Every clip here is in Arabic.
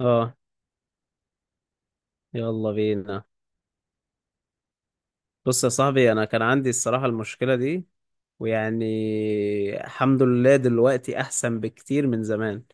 اه. يلا بينا. بص يا صاحبي، انا كان عندي الصراحة المشكلة دي. ويعني الحمد لله دلوقتي احسن بكتير من زمان.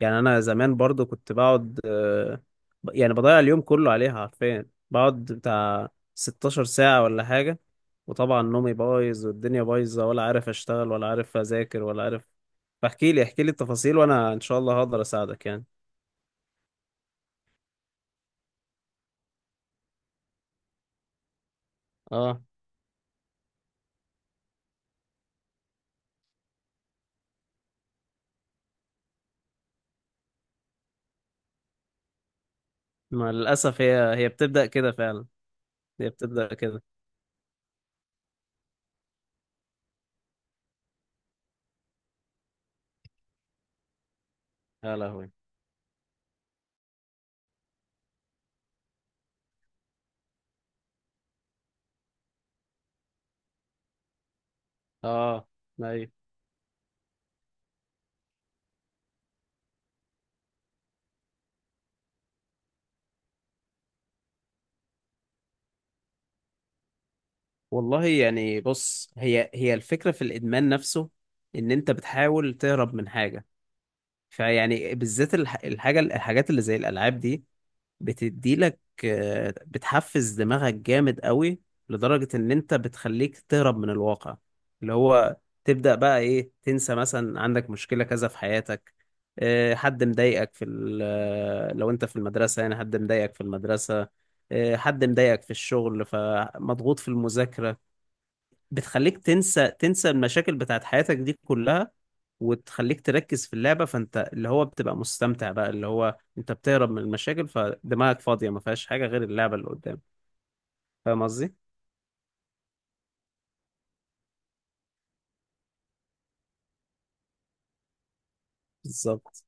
يعني انا زمان برضو كنت بقعد، يعني بضيع اليوم كله عليها حرفيا، بقعد بتاع 16 ساعة ولا حاجة. وطبعا نومي بايظ والدنيا بايظة، ولا عارف اشتغل ولا عارف اذاكر ولا عارف. فاحكي لي التفاصيل، وانا ان شاء الله هقدر اساعدك يعني. اه. ما للاسف هي بتبدأ كده فعلا. هي بتبدأ كده. يا لهوي. اه. ايوه. والله يعني، بص، هي الفكرة في الإدمان نفسه، إن أنت بتحاول تهرب من حاجة. فيعني بالذات الحاجة، الحاجات اللي زي الألعاب دي بتديلك آه، بتحفز دماغك جامد قوي، لدرجة ان انت بتخليك تهرب من الواقع، اللي هو تبدأ بقى ايه، تنسى مثلا عندك مشكلة كذا في حياتك، حد مضايقك في لو انت في المدرسة يعني، حد مضايقك في المدرسة، حد مضايقك في الشغل، فمضغوط في المذاكرة. بتخليك تنسى المشاكل بتاعت حياتك دي كلها، وتخليك تركز في اللعبة. فانت اللي هو بتبقى مستمتع بقى، اللي هو انت بتهرب من المشاكل، فدماغك فاضية ما فيهاش حاجة غير اللعبة اللي قدام. فاهم قصدي؟ بالظبط.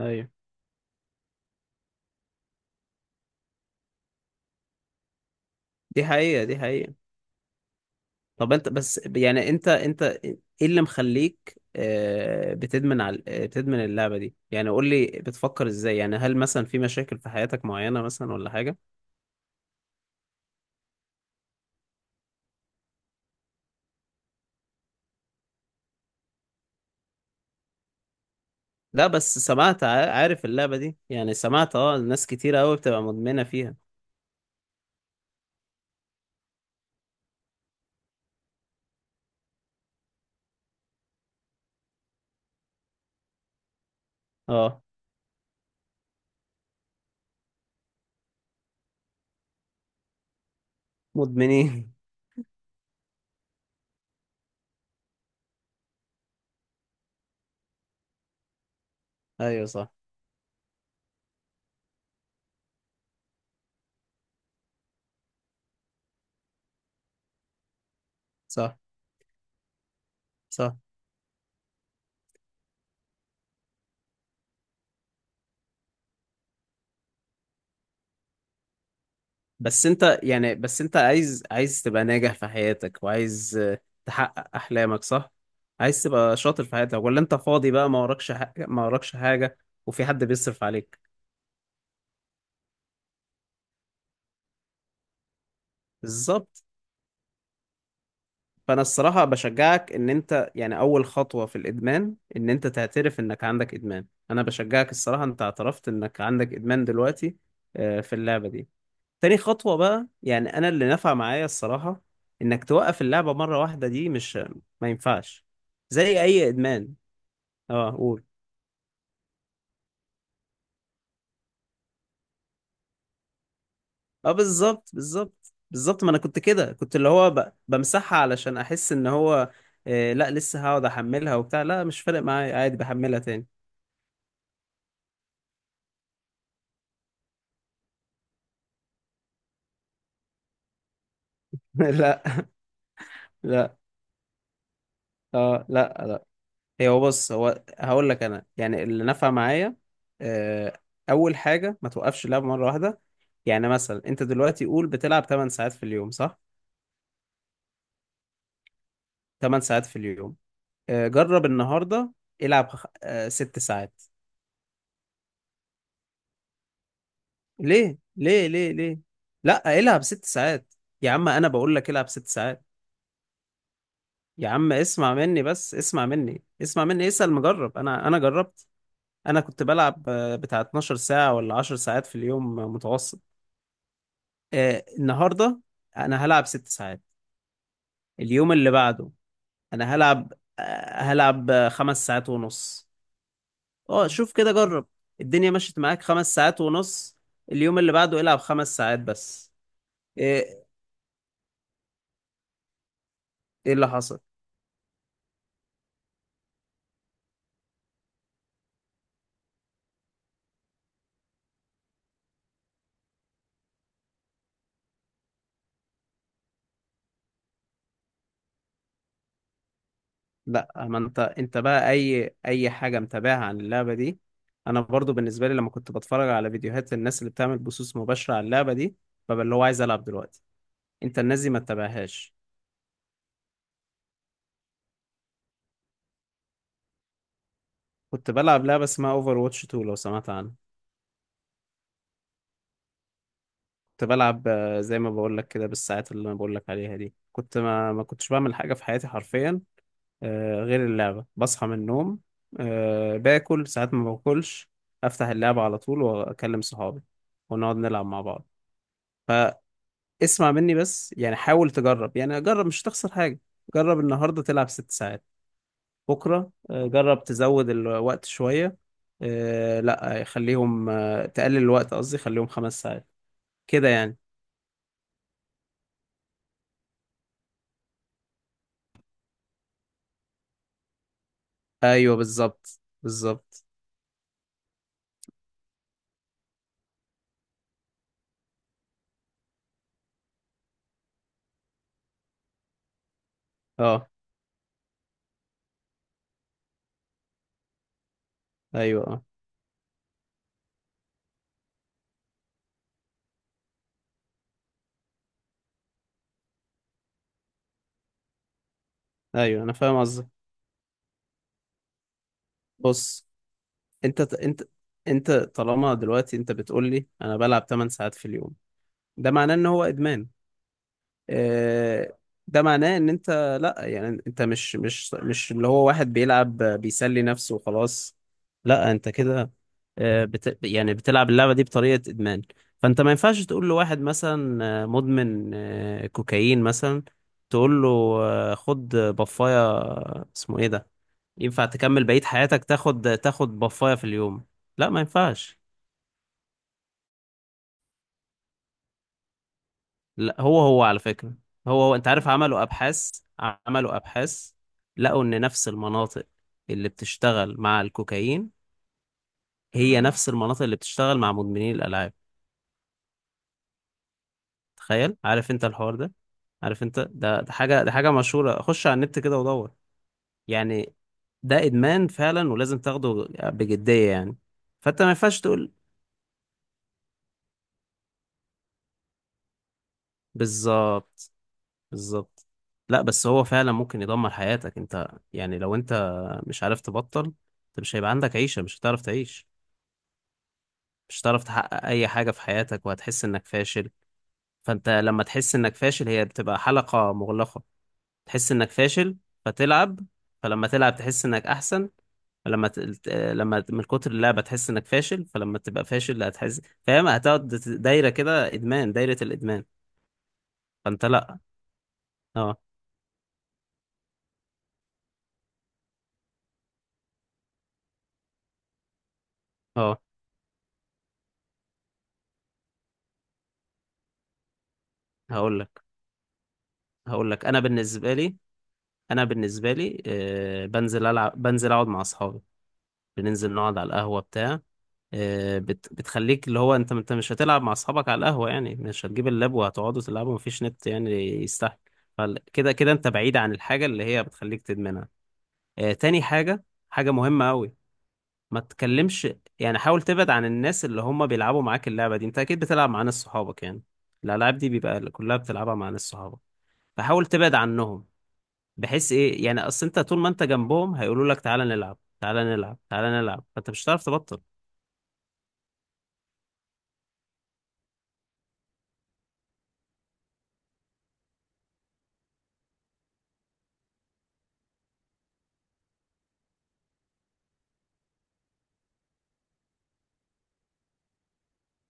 ايوه. دي حقيقة دي حقيقة. طب انت بس يعني، انت ايه اللي مخليك آه، بتدمن على آه، بتدمن اللعبة دي؟ يعني قول لي، بتفكر ازاي يعني؟ هل مثلا في مشاكل في حياتك معينة مثلا ولا حاجة؟ لا، بس سمعت، عارف اللعبة دي؟ يعني سمعت، ناس كتير قوي بتبقى مدمنة فيها. اه. مدمنين. ايوه صح. صح صح. بس انت يعني، بس انت عايز تبقى ناجح في حياتك، وعايز تحقق احلامك، صح؟ عايز تبقى شاطر في حياتك، ولا انت فاضي بقى، ما وراكش حاجة، ما وراكش حاجة؟ وفي حد بيصرف عليك. بالظبط. فانا الصراحه بشجعك ان انت يعني، اول خطوه في الادمان ان انت تعترف انك عندك ادمان. انا بشجعك الصراحه، انت اعترفت انك عندك ادمان دلوقتي، في اللعبه دي. تاني خطوه بقى، يعني انا اللي نفع معايا الصراحه، انك توقف اللعبه مره واحده، دي مش، ما ينفعش، زي اي ادمان. اه، قول. اه بالظبط بالظبط بالظبط. ما انا كنت كده، كنت اللي هو بمسحها علشان احس ان هو، لا، لسه هقعد احملها وبتاع، لا مش فارق معايا عادي، بحملها تاني. لا. لا. اه لا لا. هي هو بص، هو هقول لك انا، يعني اللي نفع معايا آه، اول حاجه، ما توقفش اللعب مره واحده. يعني مثلا انت دلوقتي قول بتلعب 8 ساعات في اليوم، صح؟ 8 ساعات في اليوم. جرب النهارده، العب 6 ساعات. ليه ليه ليه ليه؟ لا، العب 6 ساعات. يا عم انا بقول لك العب 6 ساعات. يا عم اسمع مني بس، اسمع مني اسمع مني، اسأل مجرب، انا جربت. انا كنت بلعب بتاع 12 ساعه ولا 10 ساعات في اليوم متوسط. النهارده انا هلعب 6 ساعات. اليوم اللي بعده انا هلعب، آه، 5 ساعات ونص. اه شوف كده جرب. الدنيا مشيت معاك 5 ساعات ونص؟ اليوم اللي بعده العب 5 ساعات بس. ايه؟ ايه اللي حصل؟ لا، ما انت بقى اي حاجه متابعها عن اللعبه دي. انا برضو بالنسبه لي، لما كنت بتفرج على فيديوهات الناس اللي بتعمل بثوث مباشره على اللعبه دي، ببقى اللي هو عايز العب دلوقتي. انت الناس دي ما تتابعهاش. كنت بلعب لعبه اسمها اوفر واتش 2، لو سمعت عنها. كنت بلعب زي ما بقول لك كده، بالساعات اللي انا بقول لك عليها دي، كنت ما كنتش بعمل حاجه في حياتي حرفيا، غير اللعبه. بصحى من النوم، باكل ساعات ما باكلش، افتح اللعبه على طول، واكلم صحابي ونقعد نلعب مع بعض. اسمع مني بس يعني، حاول تجرب يعني، جرب مش هتخسر حاجه. جرب النهارده تلعب 6 ساعات، بكره جرب تزود الوقت شويه، لا، خليهم، تقلل الوقت قصدي، خليهم 5 ساعات كده يعني. ايوه بالظبط بالظبط. اه ايوه. اه ايوه، انا فاهم قصدك. بص، انت انت انت طالما دلوقتي انت بتقول لي انا بلعب 8 ساعات في اليوم، ده معناه ان هو ادمان. آه، ده معناه ان انت، لا يعني انت مش اللي هو واحد بيلعب بيسلي نفسه وخلاص. لا انت كده آه، بت يعني بتلعب اللعبة دي بطريقة ادمان. فانت ما ينفعش تقول لواحد مثلا مدمن كوكايين مثلا، تقول له خد بفاية، اسمه ايه ده، ينفع تكمل بقية حياتك تاخد بفاية في اليوم؟ لا، ما ينفعش. لا، هو على فكرة، هو انت عارف، عملوا ابحاث، عملوا ابحاث، لقوا ان نفس المناطق اللي بتشتغل مع الكوكايين هي نفس المناطق اللي بتشتغل مع مدمنين الالعاب. تخيل. عارف انت الحوار ده؟ عارف انت، ده حاجة مشهورة. خش على النت كده ودور يعني. ده ادمان فعلا، ولازم تاخده بجدية يعني. فانت ما ينفعش تقول. بالظبط بالظبط. لا بس هو فعلا ممكن يدمر حياتك انت. يعني لو انت مش عارف تبطل، انت مش هيبقى عندك عيشة، مش هتعرف تعيش، مش هتعرف تحقق اي حاجة في حياتك، وهتحس انك فاشل. فانت لما تحس انك فاشل، هي بتبقى حلقة مغلقة. تحس انك فاشل فتلعب، فلما تلعب تحس انك احسن، فلما من كتر اللعبة تحس انك فاشل، فلما تبقى فاشل، لا هتحس فاهم، هتقعد دايرة كده ادمان، دايرة الادمان. فانت لا. اه. اه. هقول لك. هقول لك انا بالنسبة لي، انا بالنسبه لي بنزل اقعد مع اصحابي، بننزل نقعد على القهوه بتاع، بتخليك اللي هو انت مش هتلعب مع اصحابك على القهوه يعني، مش هتجيب اللاب وهتقعدوا تلعبوا، مفيش نت يعني، يستحمل. فكده كده انت بعيد عن الحاجه اللي هي بتخليك تدمنها. تاني حاجه، حاجه مهمه قوي، ما تتكلمش. يعني حاول تبعد عن الناس اللي هم بيلعبوا معاك اللعبه دي. انت اكيد بتلعب مع ناس صحابك يعني، الالعاب دي بيبقى كلها بتلعبها مع ناس صحابك. فحاول تبعد عنهم، بحيث ايه يعني، اصل انت طول ما انت جنبهم هيقولوا لك تعالى نلعب تعالى نلعب تعالى نلعب، فانت مش هتعرف تبطل.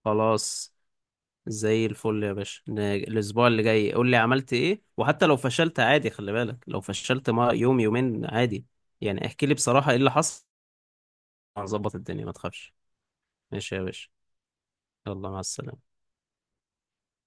خلاص. زي الفل يا باشا، الاسبوع اللي جاي قول لي عملت ايه، وحتى لو فشلت عادي، خلي بالك لو فشلت ما يوم يومين عادي يعني. احكي لي بصراحة ايه اللي حصل. هنظبط الدنيا ما تخافش. ماشي يا باشا. يلا مع السلامة.